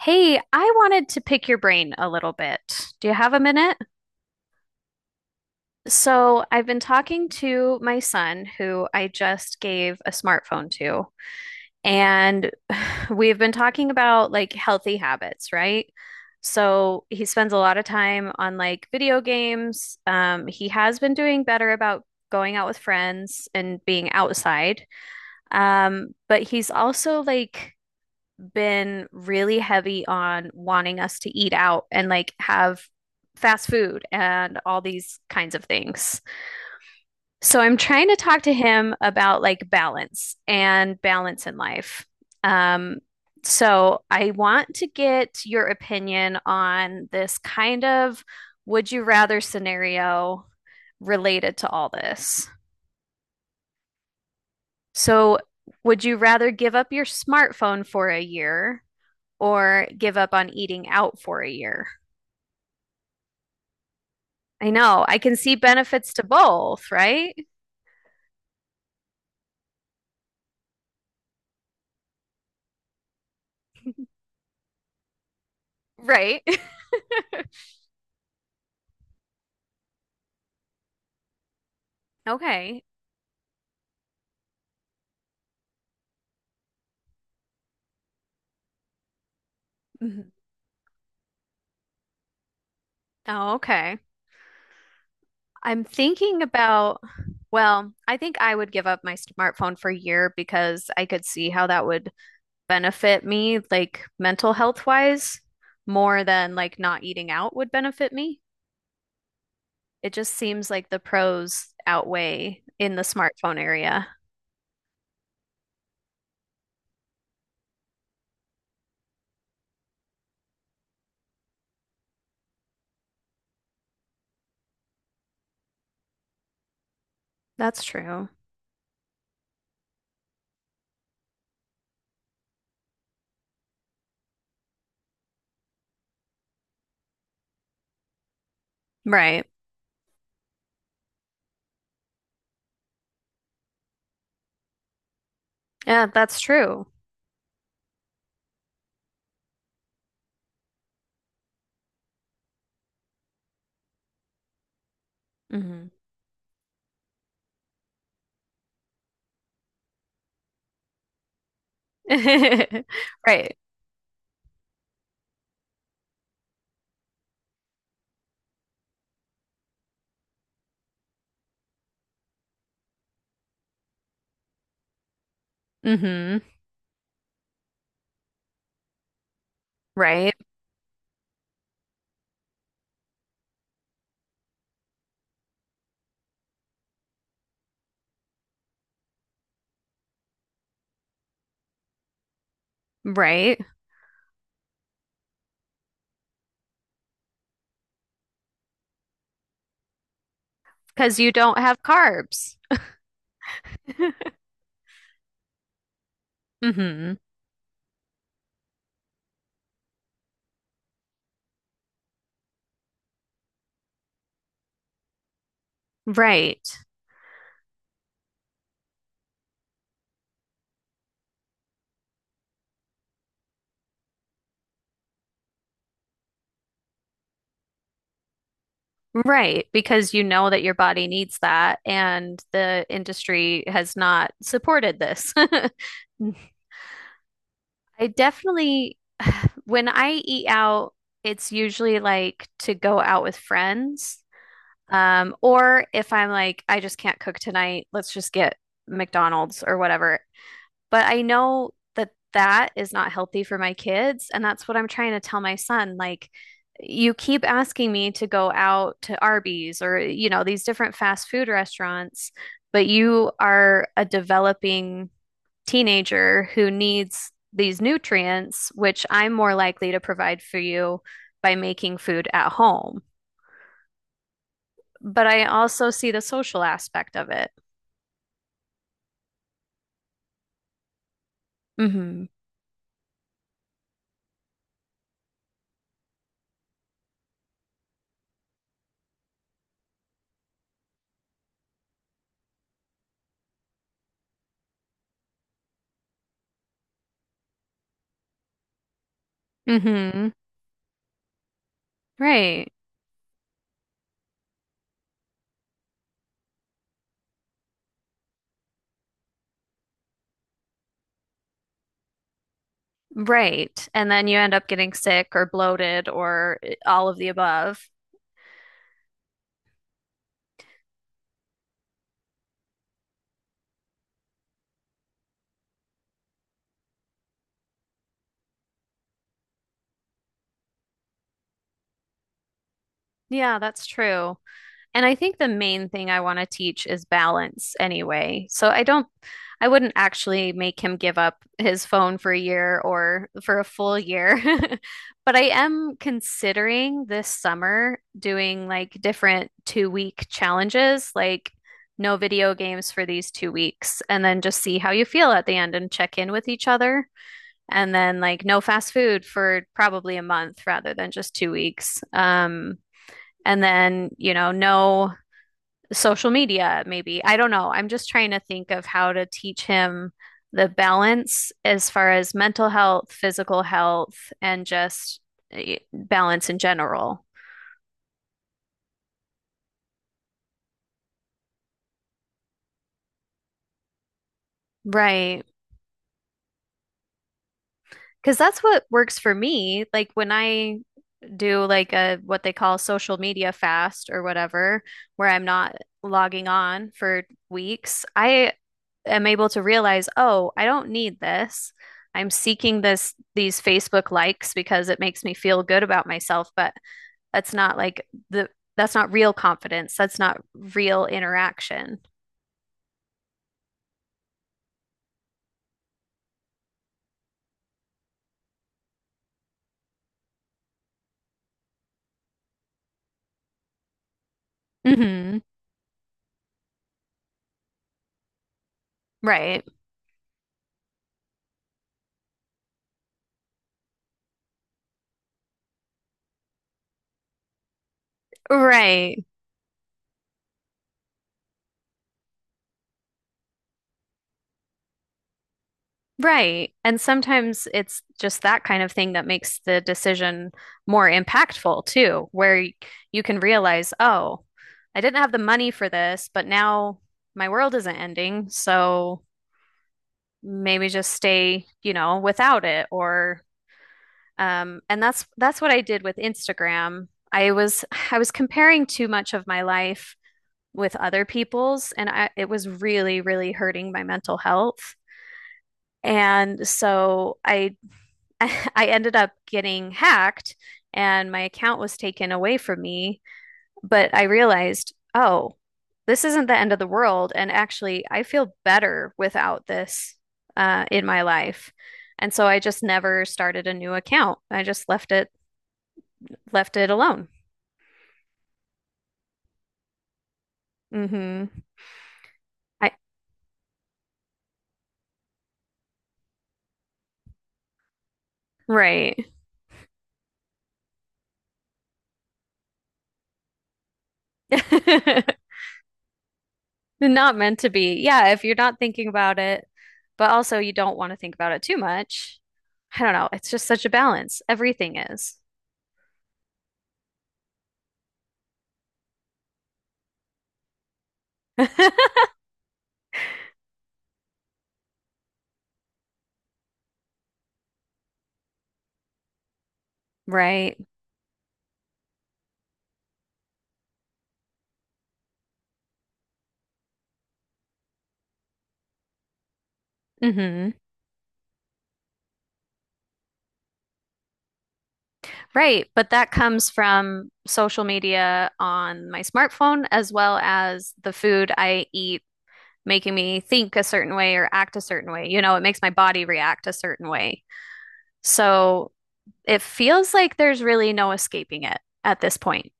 Hey, I wanted to pick your brain a little bit. Do you have a minute? So, I've been talking to my son, who I just gave a smartphone to, and we've been talking about like healthy habits, right? So, he spends a lot of time on like video games. He has been doing better about going out with friends and being outside. But he's also like been really heavy on wanting us to eat out and like have fast food and all these kinds of things. So I'm trying to talk to him about like balance and balance in life. Um, so I want to get your opinion on this kind of would you rather scenario related to all this. So would you rather give up your smartphone for a year or give up on eating out for a year? I know. I can see benefits to both, right? Right. Okay. Mhm. Oh, okay. I'm thinking about, well, I think I would give up my smartphone for a year because I could see how that would benefit me, like mental health wise, more than like not eating out would benefit me. It just seems like the pros outweigh in the smartphone area. That's true. Right. Yeah, that's true. Hmm. Right. Hmm. Right. Right. Because you don't have carbs. Hmm. Right. Right. Because you know that your body needs that, and the industry has not supported this. I definitely, when I eat out, it's usually like to go out with friends. Or if I'm like, I just can't cook tonight, let's just get McDonald's or whatever. But I know that that is not healthy for my kids. And that's what I'm trying to tell my son. Like, you keep asking me to go out to Arby's or, you know, these different fast food restaurants, but you are a developing teenager who needs these nutrients, which I'm more likely to provide for you by making food at home. But I also see the social aspect of it. Hmm. Hmm. Right. Right. And then you end up getting sick or bloated or all of the above. Yeah, that's true. And I think the main thing I want to teach is balance anyway. I wouldn't actually make him give up his phone for a year or for a full year. But I am considering this summer doing like different 2 week challenges, like no video games for these 2 weeks, and then just see how you feel at the end and check in with each other. And then like no fast food for probably a month rather than just 2 weeks. And then, you know, no social media, maybe. I don't know. I'm just trying to think of how to teach him the balance as far as mental health, physical health, and just balance in general. Right. Because that's what works for me. Like when I do like a what they call social media fast or whatever, where I'm not logging on for weeks, I am able to realize, oh, I don't need this. I'm seeking this these Facebook likes because it makes me feel good about myself, but that's not like the that's not real confidence. That's not real interaction. Hmm. Right. Right. Right. And sometimes it's just that kind of thing that makes the decision more impactful too, where you can realize, oh, I didn't have the money for this, but now my world isn't ending, so maybe just stay, you know, without it or and that's what I did with Instagram. I was comparing too much of my life with other people's and it was really hurting my mental health. And so I I ended up getting hacked and my account was taken away from me but I realized, oh, this isn't the end of the world. And actually, I feel better without this in my life. And so I just never started a new account. I just left it alone. Mm-hmm. I Right. Not meant to be. Yeah, if you're not thinking about it, but also you don't want to think about it too much. I don't know. It's just such a balance. Everything is. Right. Hmm. Right, but that comes from social media on my smartphone as well as the food I eat making me think a certain way or act a certain way. You know, it makes my body react a certain way. So it feels like there's really no escaping it at this point.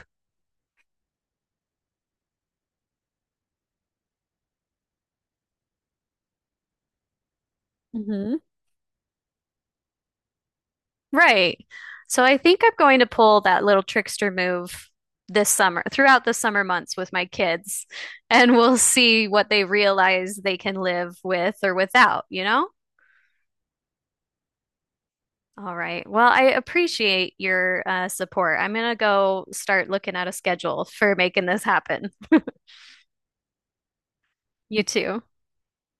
Hmm. Right. So I think I'm going to pull that little trickster move this summer, throughout the summer months with my kids, and we'll see what they realize they can live with or without, you know? All right. Well, I appreciate your support. I'm gonna go start looking at a schedule for making this happen. You too.